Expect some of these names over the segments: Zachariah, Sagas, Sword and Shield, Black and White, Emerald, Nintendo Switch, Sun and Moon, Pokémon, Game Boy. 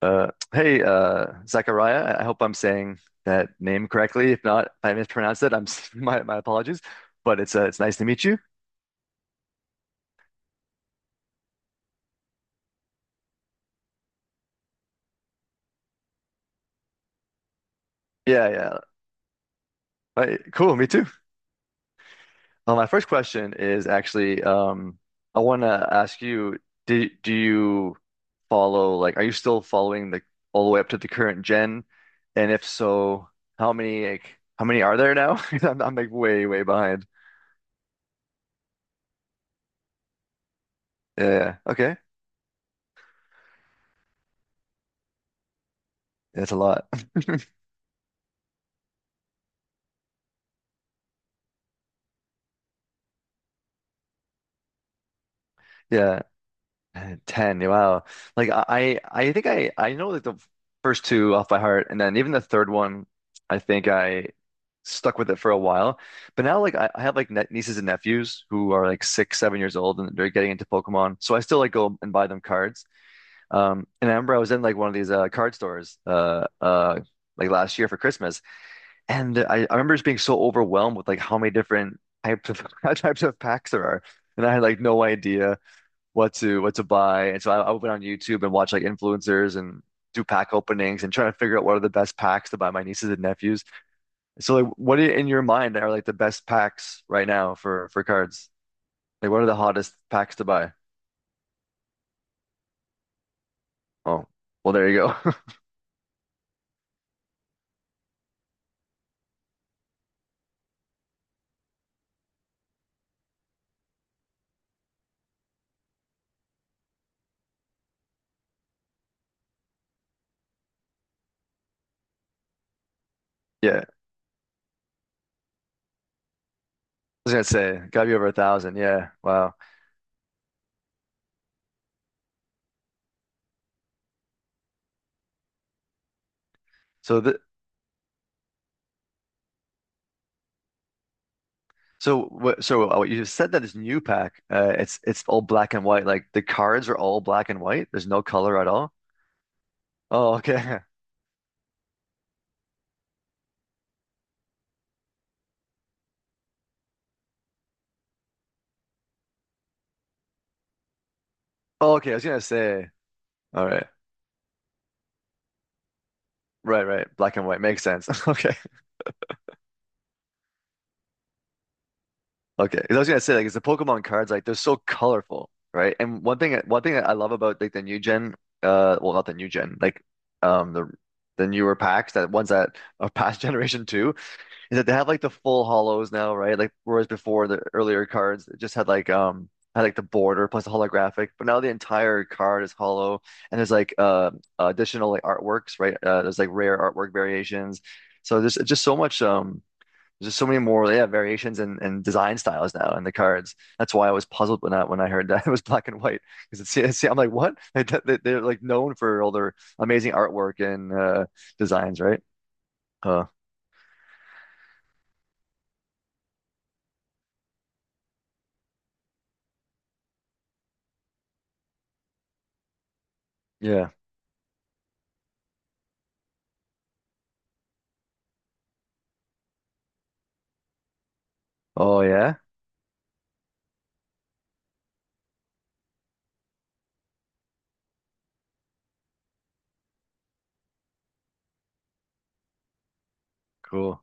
Hey, Zachariah, I hope I'm saying that name correctly. If not, if I mispronounced it, my apologies. But it's nice to meet you. Yeah, yeah. Right, cool, me too. My first question is actually, I want to ask you, do do you follow like, are you still following the all the way up to the current gen? And if so, how many are there now? 'Cause I'm like way behind. Yeah. Yeah. Okay. That's a lot. Yeah. 10. Yeah. Wow. Like I think I know like the first two off by heart, and then even the third one I think I stuck with it for a while. But now, like, I have like net nieces and nephews who are like 6, 7 years old and they're getting into Pokemon. So I still like go and buy them cards. And I remember I was in like one of these card stores like last year for Christmas, and I remember just being so overwhelmed with like how many different types of types of packs there are. And I had like no idea what to buy. And so I went on YouTube and watch like influencers and do pack openings and trying to figure out what are the best packs to buy my nieces and nephews. So like what in your mind are like the best packs right now for cards? Like what are the hottest packs to buy? Oh, well there you go. Yeah. I was gonna say gotta be over 1,000. Yeah. Wow. So the so what you just said, that this new pack, it's all black and white. Like the cards are all black and white. There's no color at all. Oh, okay. Oh, okay. I was gonna say. All right. Right, right. Black and white makes sense. Okay. Okay. 'Cause I was gonna say, like, it's the Pokemon cards, like, they're so colorful, right? And one thing that I love about, like, the new gen, well, not the new gen, like, um, the the newer packs, that ones that are past generation 2, is that they have like the full hollows now, right? Like, whereas before, the earlier cards it just had like the border plus the holographic, but now the entire card is hollow, and there's like, additional like artworks, right? There's like rare artwork variations. So there's just so much. There's just so many more, yeah, variations, and design styles now in the cards. That's why I was puzzled when I heard that it was black and white, because it's I'm like, what? They're like known for all their amazing artwork and designs, right? Uh, yeah. Oh yeah, cool.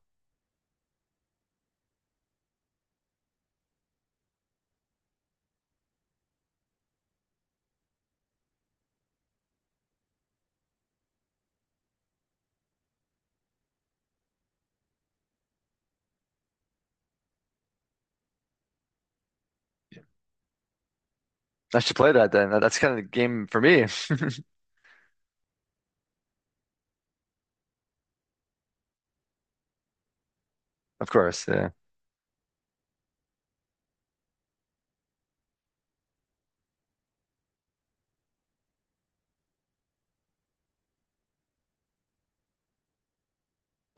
I should play that then. That's kind of the game for me. Of course. Yeah.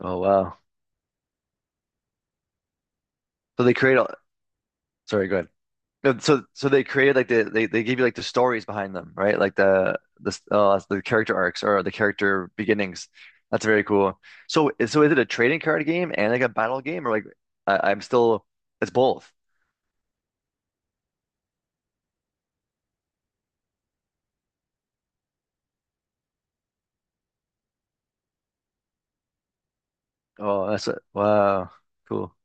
Oh wow. So they create all. Sorry, go ahead. No, so they created like they give you like the stories behind them, right? Like the character arcs or the character beginnings. That's very cool. So is it a trading card game and like a battle game, or like I'm still it's both. Oh, that's wow, cool.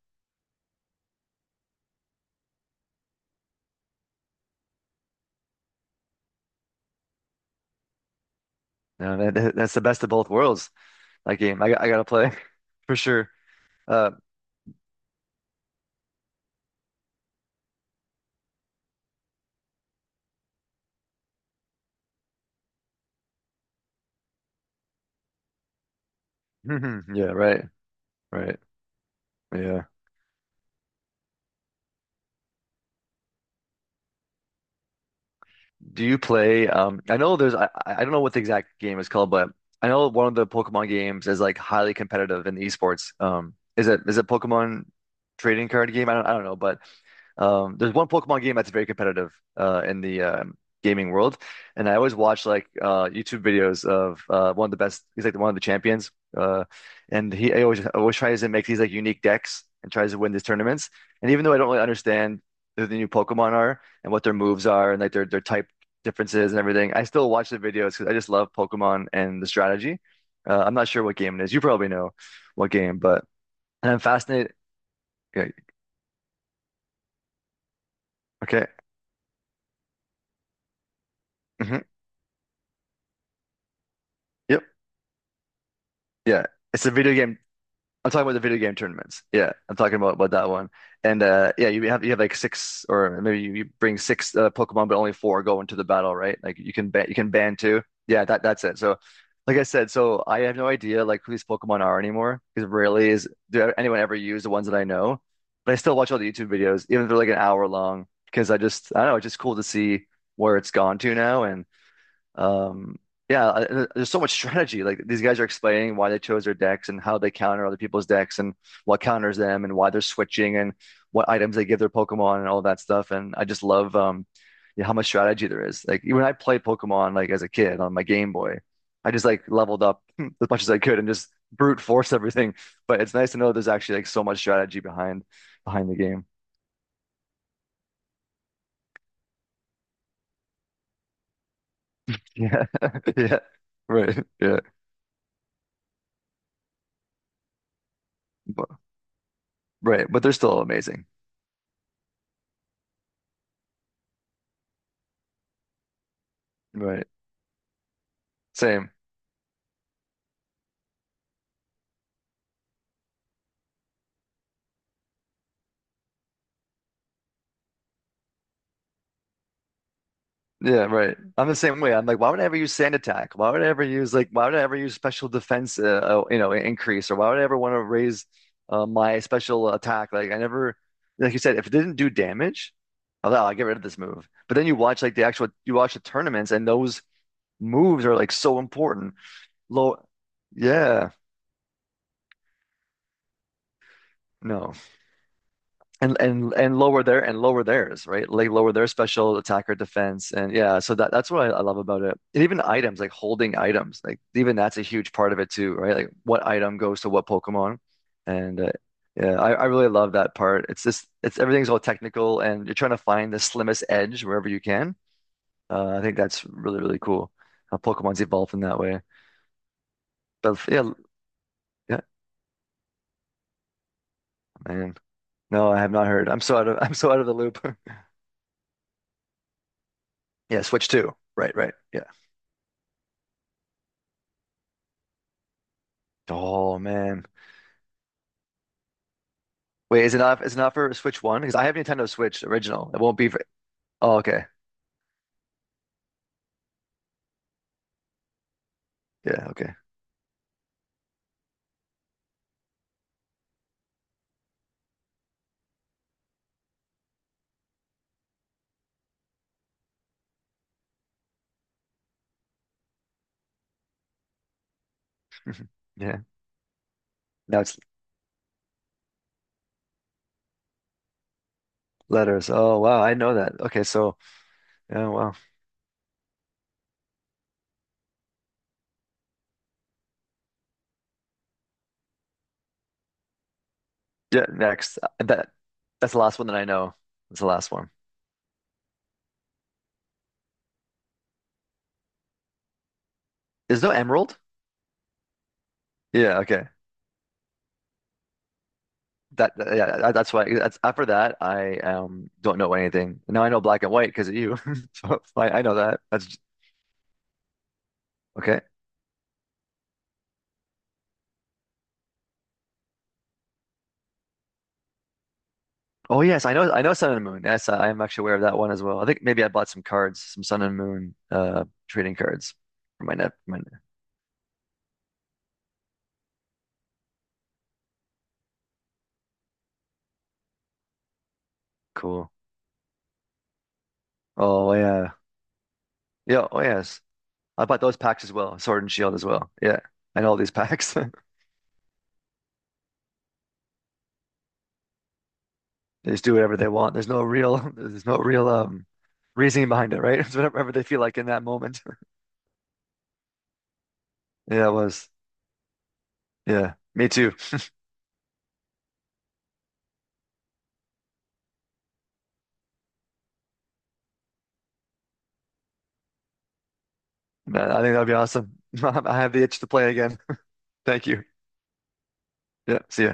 No, that's the best of both worlds. That game, I gotta play for sure. Uh, yeah, right, right, yeah. Do you play? I know there's. I don't know what the exact game is called, but I know one of the Pokemon games is like highly competitive in esports. Is it Pokemon trading card game? I don't. I don't know, but there's one Pokemon game that's very competitive in the gaming world, and I always watch like YouTube videos of one of the best. He's like one of the champions, and he I always tries to make these like unique decks and tries to win these tournaments. And even though I don't really understand who the new Pokemon are and what their moves are and like their types differences and everything. I still watch the videos because I just love Pokemon and the strategy. I'm not sure what game it is. You probably know what game, but and I'm fascinated. Okay. Okay. Hmm. Yep. Yeah. It's a video game. I'm talking about the video game tournaments. Yeah, I'm talking about that one. And yeah, you have like six, or maybe you bring six Pokemon, but only four go into the battle, right? Like you can ban two. Yeah, that's it. So, like I said, so I have no idea like who these Pokemon are anymore because rarely is do anyone ever use the ones that I know. But I still watch all the YouTube videos, even if they're like an hour long, because I just, I don't know, it's just cool to see where it's gone to now. Um, yeah, there's so much strategy. Like these guys are explaining why they chose their decks and how they counter other people's decks and what counters them and why they're switching and what items they give their Pokemon and all that stuff. And I just love, yeah, how much strategy there is. Like when I played Pokemon like as a kid on my Game Boy, I just like leveled up as much as I could and just brute force everything. But it's nice to know there's actually like so much strategy behind the game. Yeah, yeah, right, yeah, but, right. But they're still amazing. Right, same. Yeah, right. I'm the same way. I'm like, why would I ever use sand attack? Why would I ever use special defense, increase, or why would I ever want to raise my special attack? Like, I never, like you said, if it didn't do damage, I'll get rid of this move. But then you watch like the actual, you watch the tournaments, and those moves are like so important. Low, yeah, no. And lower theirs, right? Like lower their special attack or defense, and yeah, so that's what I love about it. And even items like holding items, like even that's a huge part of it too, right? Like what item goes to what Pokemon, and yeah, I really love that part. It's just it's everything's all technical, and you're trying to find the slimmest edge wherever you can. I think that's really really cool how Pokemon's evolved in that way. But yeah, yeah, man, no, I have not heard. I'm so out of I'm so out of the loop. Yeah, Switch 2, right, right, yeah. Oh man. Wait, is it not for Switch 1? Because I have Nintendo Switch original. It won't be for. Oh, okay. Yeah, okay. Mhm. Yeah. Now it's letters. Oh wow, I know that. Okay, so yeah, wow. Yeah, next. That's the last one that I know. That's the last one. There's no Emerald? Yeah, okay. Yeah, that's why that's after that I don't know anything. Now I know black and white because of you. So I know that. That's okay. Oh yes, I know Sun and Moon. Yes, I am actually aware of that one as well. I think maybe I bought some cards, some Sun and Moon trading cards for my net. My net. Cool. Oh yeah. Yeah, oh yes. I bought those packs as well, Sword and Shield as well. Yeah. And all these packs. They just do whatever they want. There's no real there's no real reasoning behind it, right? It's whatever they feel like in that moment. Yeah, it was. Yeah. Me too. I think that'd be awesome. I have the itch to play again. Thank you. Yeah, see ya.